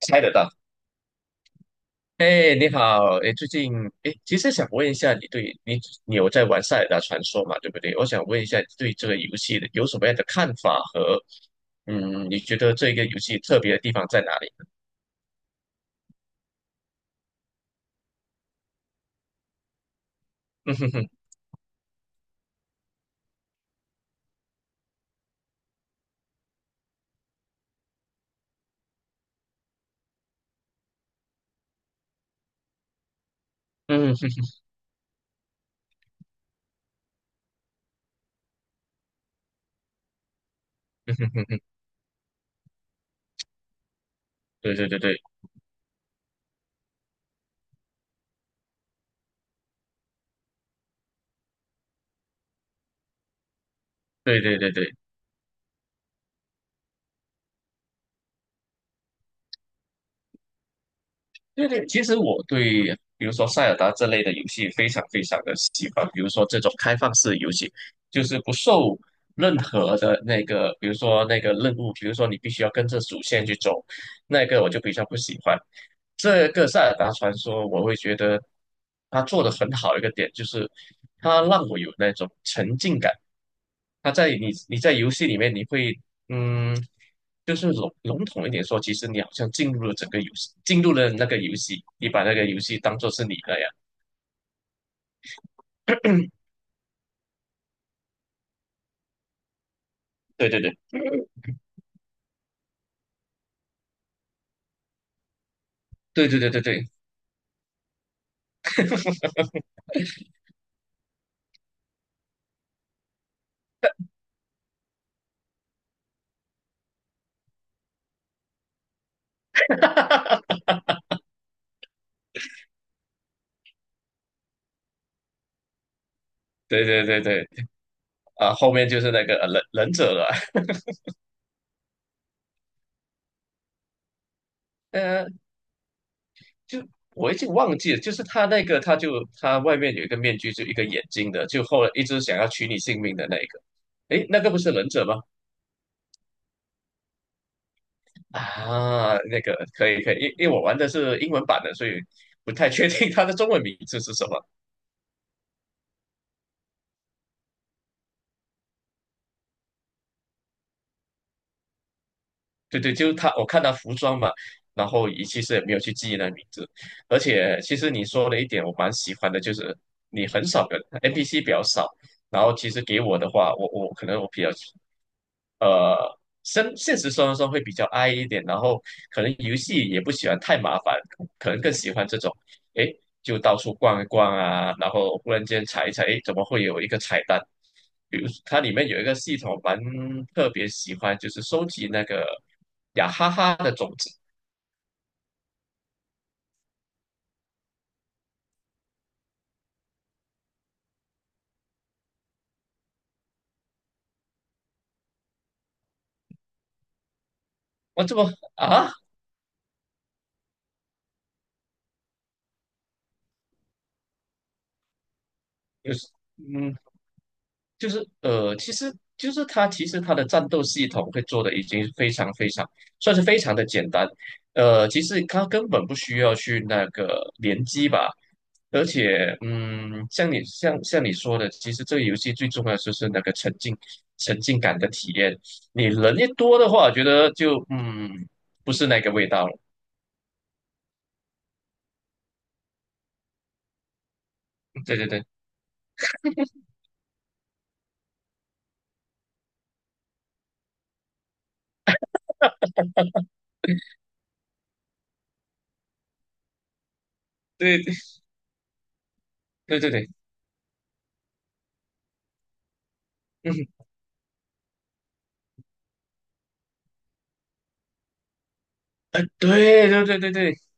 猜得到。哎，你好，哎，最近哎，其实想问一下，你对你你有在玩《塞尔达传说》嘛？对不对？我想问一下，你对这个游戏的有什么样的看法和你觉得这个游戏特别的地方在哪里？嗯哼哼，嗯哼哼，嗯哼哼哼，对对对对对对对对。对对，其实我对比如说塞尔达这类的游戏非常非常的喜欢，比如说这种开放式游戏，就是不受任何的那个，比如说那个任务，比如说你必须要跟着主线去走，那个我就比较不喜欢。这个《塞尔达传说》，我会觉得它做的很好的一个点，就是它让我有那种沉浸感。它在你在游戏里面，你会嗯，就是笼笼统一点说，其实你好像进入了整个游戏，进入了那个游戏，你把那个游戏当做是你那样。对对对对对对对对 对对对对，啊，后面就是那个忍者了。就我已经忘记了，就是他那个，他就他外面有一个面具，就一个眼睛的，就后来一直想要取你性命的那一个。诶，那个不是忍者吗？啊，那个可以可以，因为我玩的是英文版的，所以不太确定他的中文名字是什么。对对，就是他，我看他服装嘛，然后也其实也没有去记忆那名字，而且其实你说了一点，我蛮喜欢的，就是你很少跟 NPC 比较少，然后其实给我的话，我可能我比较呃，现实生活中会比较 i 一点，然后可能游戏也不喜欢太麻烦，可能更喜欢这种，诶，就到处逛一逛啊，然后忽然间查一查，诶，怎么会有一个彩蛋？比如它里面有一个系统蛮特别喜欢，就是收集那个雅哈哈的种子。我怎么啊，有嗯。就是其实就是它其实它的战斗系统会做的已经非常非常算是非常的简单，其实它根本不需要去那个联机吧，而且嗯，像你说的，其实这个游戏最重要的就是那个沉浸感的体验，你人一多的话，我觉得就嗯不是那个味道了，对对对对对对对，嗯，呃，对对对对对。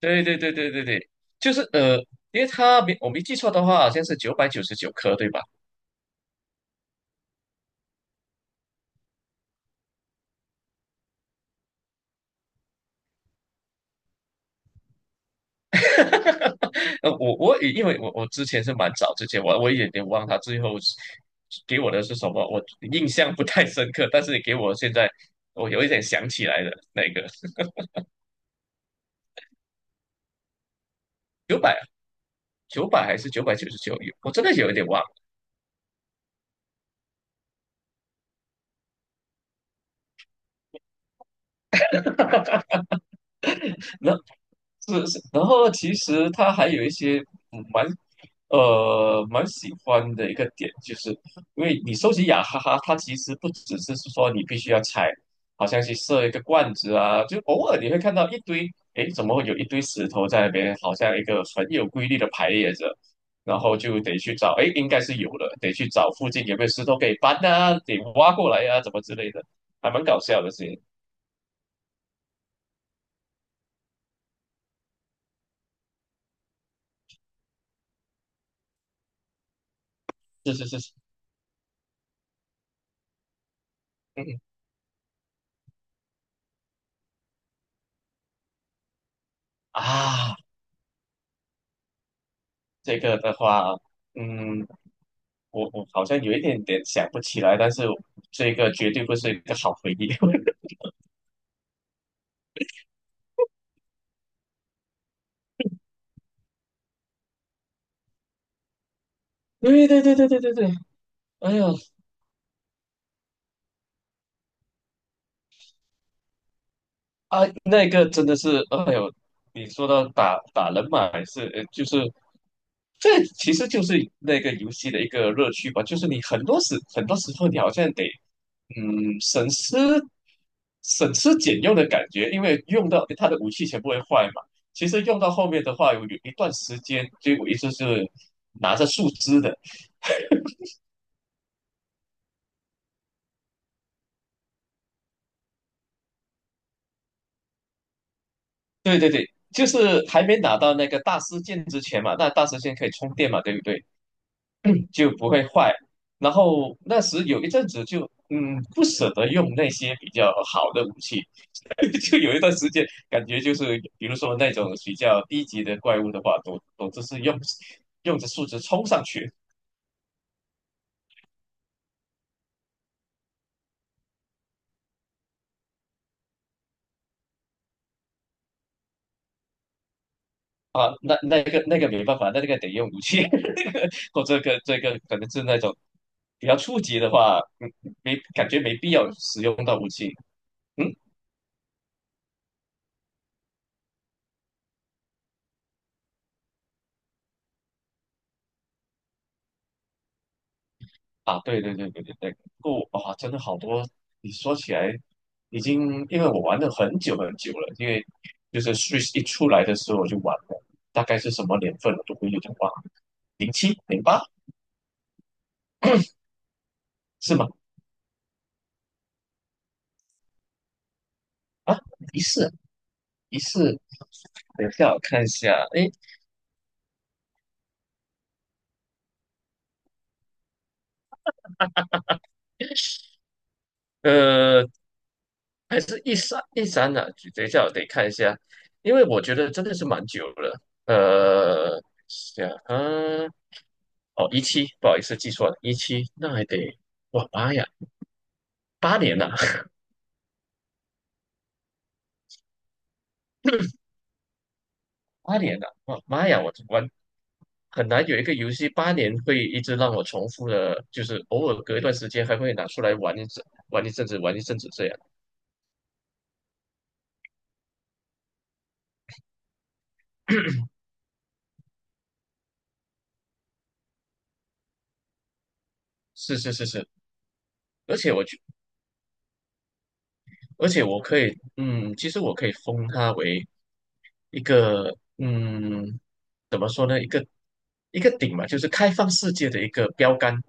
对对对对对对，就是因为它没我没记错的话，好像是999颗，对吧？我我也因为我我之前是蛮早之前，我我也有点忘它最后是给我的是什么，我印象不太深刻，但是你给我现在我有一点想起来的那个九百九百还是九百九十九，我真的有一点忘了。那是是，然后其实他还有一些嗯蛮蛮喜欢的一个点，就是因为你收集雅哈哈，它其实不只是说你必须要踩，好像去设一个罐子啊，就偶尔你会看到一堆，诶，怎么会有一堆石头在那边，好像一个很有规律的排列着，然后就得去找，诶，应该是有了，得去找附近有没有石头可以搬啊，得挖过来啊，怎么之类的，还蛮搞笑的事情。是是是，嗯嗯啊，这个的话，嗯，我我好像有一点点想不起来，但是这个绝对不是一个好回忆。对对对对对对对，哎呦啊，那个真的是，哎呦，你说到打人嘛，还是就是这其实就是那个游戏的一个乐趣吧，就是你很多时候你好像得嗯，省吃俭用的感觉，因为用到他的武器全部会坏嘛。其实用到后面的话，有有一段时间，就我一直是拿着树枝的，就是还没拿到那个大师剑之前嘛，那大师剑可以充电嘛，对不对？就不会坏。然后那时有一阵子就嗯不舍得用那些比较好的武器，就有一段时间感觉就是比如说那种比较低级的怪物的话，都只是用用着数值冲上去啊，那那个没办法，那个得用武器，那个或这个这个可能是那种比较初级的话，嗯没感觉没必要使用到武器。嗯。啊，对对对对对对，不啊，真的好多。你说起来，已经因为我玩了很久很久了，因为就是 Switch 一出来的时候我就玩了，大概是什么年份我都有点忘了，07、08是吗？啊，一四一四，等一下我看一下，诶，呃，还是一三呢、等一下我得看一下，因为我觉得真的是蛮久了，呃，想啊，哦，一七，不好意思记错了，一七，那还得。哇妈呀！八年了，八年了，哇妈呀！我玩很难有一个游戏八年会一直让我重复的，就是偶尔隔一段时间还会拿出来玩一阵，玩一阵子，玩一阵子这样。是是是是，而且我觉，而且我可以，嗯，其实我可以封它为一个，嗯，怎么说呢，一个一个顶嘛，就是开放世界的一个标杆。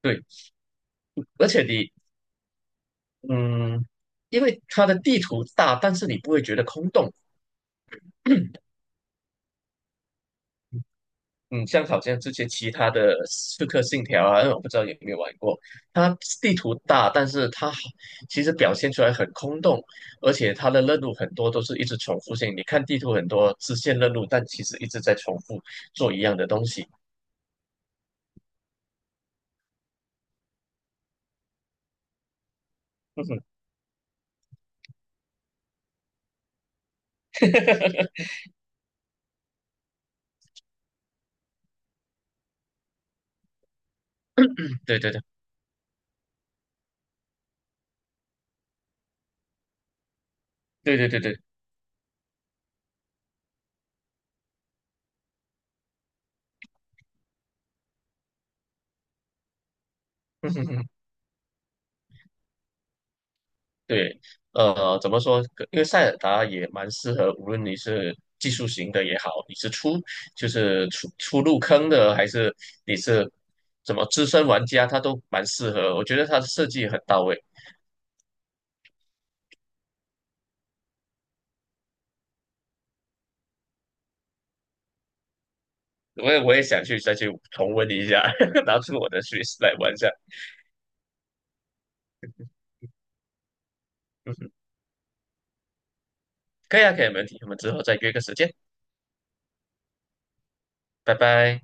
对，而且你，嗯，因为它的地图大，但是你不会觉得空洞，嗯，像好像这些其他的《刺客信条》啊，嗯我不知道有没有玩过。它地图大，但是它好其实表现出来很空洞，而且它的任务很多都是一直重复性。你看地图很多支线任务，但其实一直在重复做一样的东西。对对对对对对对对，对，怎么说？因为塞尔达也蛮适合，无论你是技术型的也好，你是初就是初初入坑的，还是你是怎么资深玩家，它都蛮适合。我觉得它的设计很到位，我也想去再去重温一下，拿出我的 Switch 来玩一下。嗯哼，可以啊，可以，没问题。我们之后再约个时间，拜拜。